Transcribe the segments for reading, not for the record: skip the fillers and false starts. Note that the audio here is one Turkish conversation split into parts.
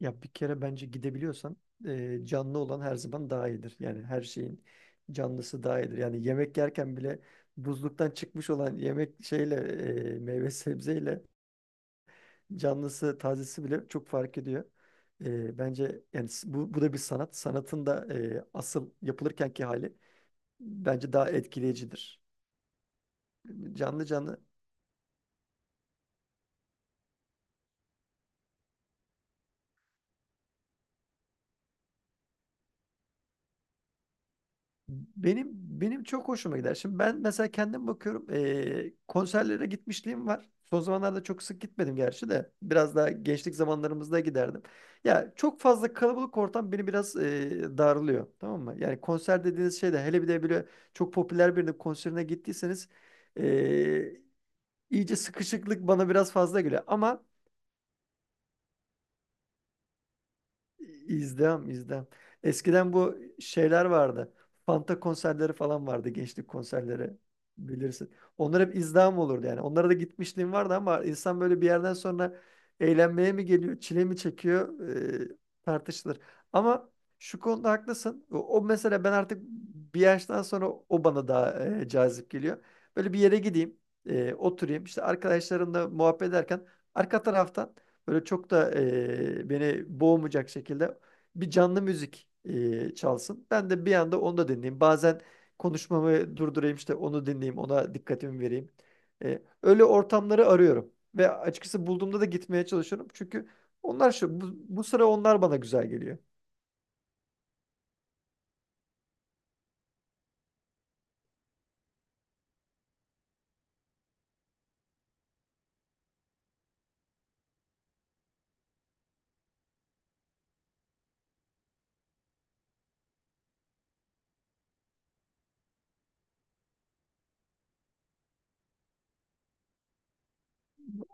Ya bir kere bence gidebiliyorsan canlı olan her zaman daha iyidir. Yani her şeyin canlısı daha iyidir. Yani yemek yerken bile buzluktan çıkmış olan yemek şeyle meyve sebzeyle canlısı tazesi bile çok fark ediyor. Bence yani bu da bir sanat. Sanatın da asıl yapılırkenki hali bence daha etkileyicidir. Canlı canlı. Benim benim çok hoşuma gider. Şimdi ben mesela kendim bakıyorum, konserlere gitmişliğim var. Son zamanlarda çok sık gitmedim gerçi de biraz daha gençlik zamanlarımızda giderdim. Ya çok fazla kalabalık ortam beni biraz darlıyor, tamam mı? Yani konser dediğiniz şey de hele bir de böyle çok popüler birinin konserine gittiyseniz eee, iyice sıkışıklık bana biraz fazla geliyor. Ama. İzdiham, izdiham. Eskiden bu şeyler vardı. Fanta konserleri falan vardı. Gençlik konserleri bilirsin. Onlar hep izdiham olurdu yani. Onlara da gitmişliğim vardı ama insan böyle bir yerden sonra eğlenmeye mi geliyor, çile mi çekiyor, e, tartışılır. Ama şu konuda haklısın. O mesela ben artık bir yaştan sonra o bana daha cazip geliyor. Böyle bir yere gideyim, oturayım. İşte arkadaşlarımla muhabbet ederken arka taraftan böyle çok da beni boğmayacak şekilde bir canlı müzik çalsın. Ben de bir anda onu da dinleyeyim. Bazen konuşmamı durdurayım, işte onu dinleyeyim, ona dikkatimi vereyim. Öyle ortamları arıyorum ve açıkçası bulduğumda da gitmeye çalışıyorum. Çünkü onlar şu bu sıra onlar bana güzel geliyor.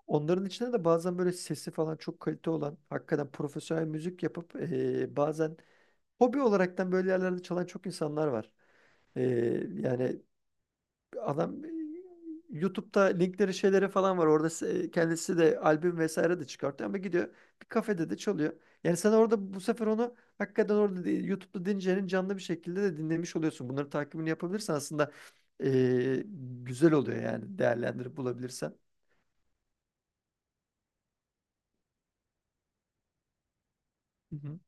Onların içinde de bazen böyle sesi falan çok kalite olan, hakikaten profesyonel müzik yapıp bazen hobi olaraktan böyle yerlerde çalan çok insanlar var. E, Yani adam YouTube'da linkleri şeyleri falan var. Orada kendisi de albüm vesaire de çıkartıyor ama gidiyor, bir kafede de çalıyor. Yani sen orada bu sefer onu hakikaten orada YouTube'da dinleyeceğin canlı bir şekilde de dinlemiş oluyorsun. Bunları takibini yapabilirsen aslında eee, güzel oluyor yani, değerlendirip bulabilirsen. Hı hı.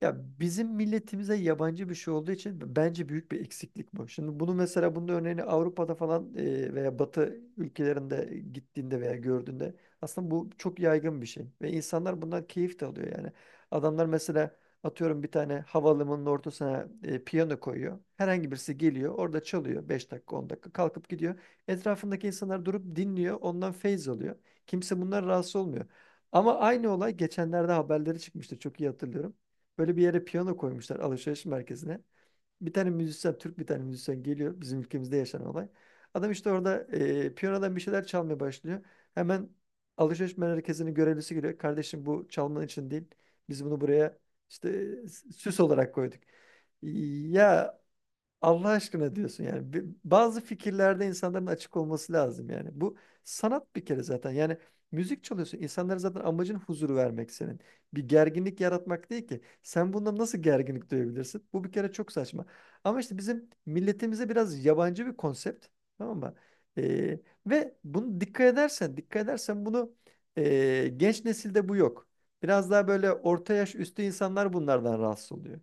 Ya bizim milletimize yabancı bir şey olduğu için bence büyük bir eksiklik bu. Şimdi bunu mesela bunun örneğini Avrupa'da falan veya Batı ülkelerinde gittiğinde veya gördüğünde aslında bu çok yaygın bir şey ve insanlar bundan keyif de alıyor yani. Adamlar mesela atıyorum bir tane havalimanının ortasına piyano koyuyor. Herhangi birisi geliyor, orada çalıyor, 5 dakika 10 dakika kalkıp gidiyor. Etrafındaki insanlar durup dinliyor, ondan feyz alıyor. Kimse bundan rahatsız olmuyor. Ama aynı olay geçenlerde haberleri çıkmıştı. Çok iyi hatırlıyorum. Böyle bir yere piyano koymuşlar, alışveriş merkezine. Bir tane müzisyen, Türk bir tane müzisyen geliyor, bizim ülkemizde yaşanan olay. Adam işte orada piyanodan bir şeyler çalmaya başlıyor. Hemen alışveriş merkezinin görevlisi geliyor. Kardeşim, bu çalman için değil. Biz bunu buraya işte e, süs olarak koyduk. Ya, Allah aşkına diyorsun yani. Bazı fikirlerde insanların açık olması lazım yani. Bu sanat bir kere zaten. Yani müzik çalıyorsun. İnsanlara zaten amacın huzuru vermek senin. Bir gerginlik yaratmak değil ki. Sen bundan nasıl gerginlik duyabilirsin? Bu bir kere çok saçma. Ama işte bizim milletimize biraz yabancı bir konsept. Tamam mı? Ee, Ve bunu dikkat edersen bunu genç nesilde bu yok. Biraz daha böyle orta yaş üstü insanlar bunlardan rahatsız oluyor.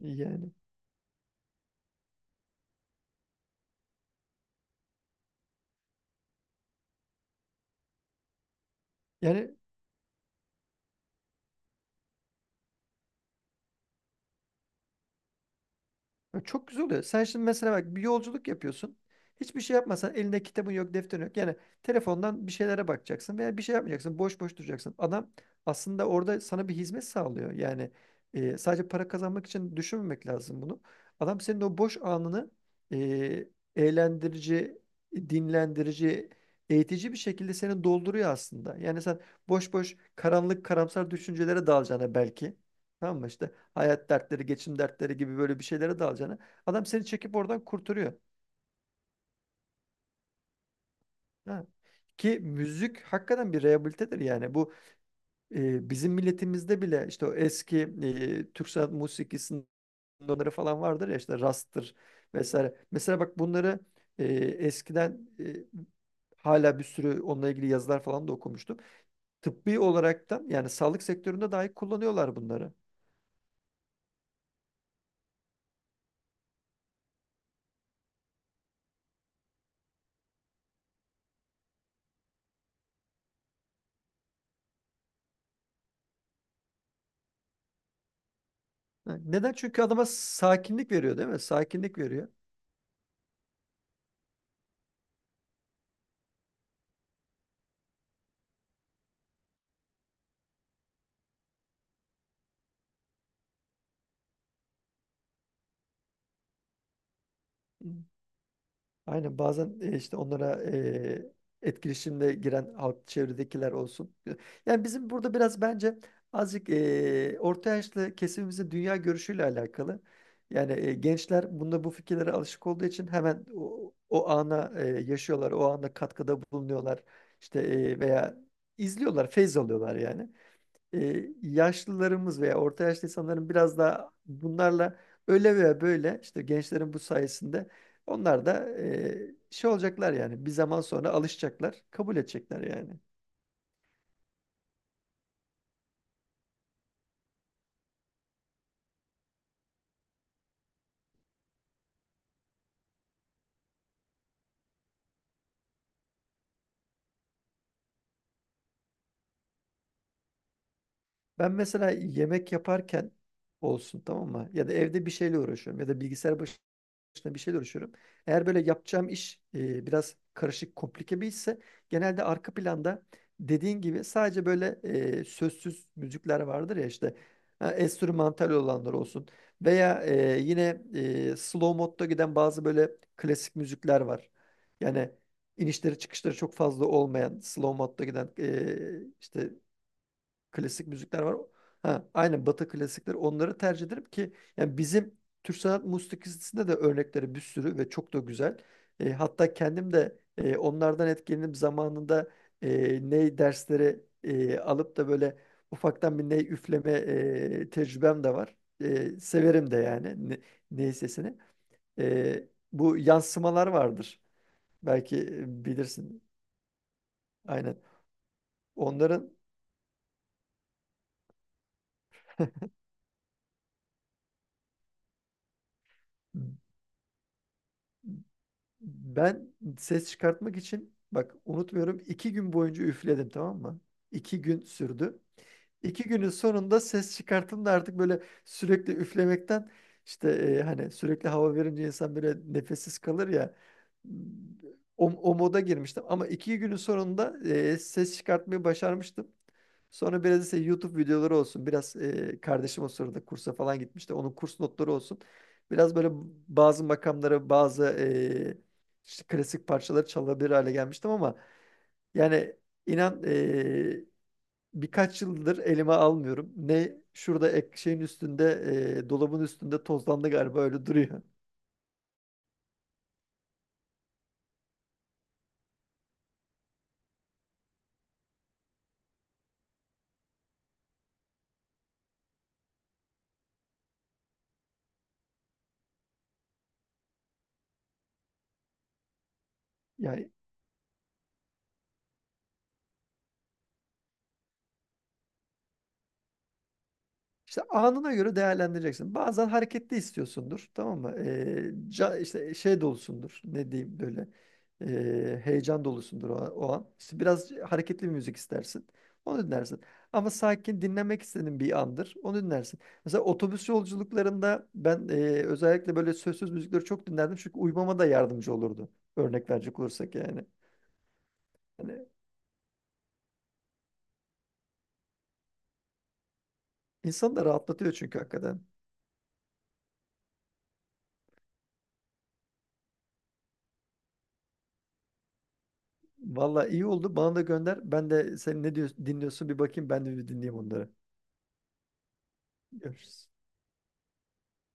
Yani. Yani. Ya, çok güzel oluyor. Sen şimdi mesela bak, bir yolculuk yapıyorsun. Hiçbir şey yapmasan, elinde kitabın yok, defterin yok. Yani telefondan bir şeylere bakacaksın veya bir şey yapmayacaksın. Boş boş duracaksın. Adam aslında orada sana bir hizmet sağlıyor. Yani sadece para kazanmak için düşünmemek lazım bunu. Adam senin o boş anını e, eğlendirici, dinlendirici, eğitici bir şekilde seni dolduruyor aslında. Yani sen boş boş karanlık, karamsar düşüncelere dalacağına belki. Tamam mı işte? Hayat dertleri, geçim dertleri gibi böyle bir şeylere dalacağına adam seni çekip oradan kurtarıyor. Ha. Ki müzik hakikaten bir rehabilitedir yani. Bu bizim milletimizde bile işte o eski Türk sanat musikisinin onları falan vardır ya, işte rastır vesaire. Mesela bak bunları eskiden hala bir sürü onunla ilgili yazılar falan da okumuştum. Tıbbi olaraktan yani sağlık sektöründe dahi kullanıyorlar bunları. Ha, neden? Çünkü adama sakinlik veriyor, değil mi? Sakinlik veriyor. Aynen, bazen işte onlara etkileşimde giren halk, çevredekiler olsun. Yani bizim burada biraz bence azıcık orta yaşlı kesimimizin dünya görüşüyle alakalı. Yani gençler bunda bu fikirlere alışık olduğu için hemen o ana yaşıyorlar, o ana katkıda bulunuyorlar. İşte veya izliyorlar, feyz alıyorlar yani yaşlılarımız veya orta yaşlı insanların biraz daha bunlarla öyle veya böyle işte gençlerin bu sayesinde onlar da şey olacaklar yani, bir zaman sonra alışacaklar, kabul edecekler yani. Ben mesela yemek yaparken olsun, tamam mı? Ya da evde bir şeyle uğraşıyorum ya da bilgisayar başına bir şeyle uğraşıyorum. Eğer böyle yapacağım iş biraz karışık, komplike bir işse genelde arka planda, dediğin gibi, sadece böyle sözsüz müzikler vardır ya işte. Ha, enstrümantal olanlar olsun veya yine slow modda giden bazı böyle klasik müzikler var. Yani inişleri çıkışları çok fazla olmayan, slow modda giden işte klasik müzikler var. Ha, aynen, Batı klasikleri, onları tercih ederim ki yani bizim Türk sanat musikisinde de örnekleri bir sürü ve çok da güzel. Hatta kendim de onlardan etkilenip zamanında ney dersleri alıp da böyle ufaktan bir ney üfleme tecrübem de var. Severim de yani ney sesini. Bu yansımalar vardır. Belki bilirsin. Aynen. Onların Ben ses çıkartmak için bak, unutmuyorum, 2 gün boyunca üfledim, tamam mı? 2 gün sürdü. 2 günün sonunda ses çıkarttım da artık böyle sürekli üflemekten işte hani sürekli hava verince insan böyle nefessiz kalır ya, o moda girmiştim ama 2 günün sonunda ses çıkartmayı başarmıştım. Sonra biraz ise YouTube videoları olsun, biraz kardeşim o sırada kursa falan gitmişti, onun kurs notları olsun. Biraz böyle bazı makamlara, bazı işte klasik parçaları çalabilir hale gelmiştim ama yani inan birkaç yıldır elime almıyorum. Ne şurada ek şeyin üstünde, dolabın üstünde tozlandı galiba, öyle duruyor. Yani. İşte anına göre değerlendireceksin. Bazen hareketli istiyorsundur, tamam mı? İşte şey dolusundur, ne diyeyim böyle. Heyecan dolusundur, o an. İşte biraz hareketli bir müzik istersin. Onu dinlersin. Ama sakin dinlemek istediğin bir andır. Onu dinlersin. Mesela otobüs yolculuklarında ben özellikle böyle sözsüz müzikleri çok dinlerdim. Çünkü uyumama da yardımcı olurdu. Örnek verecek olursak yani. Hani insanı da rahatlatıyor çünkü, hakikaten. Valla iyi oldu. Bana da gönder. Ben de sen ne diyorsun, dinliyorsun, bir bakayım. Ben de bir dinleyeyim onları. Görüşürüz.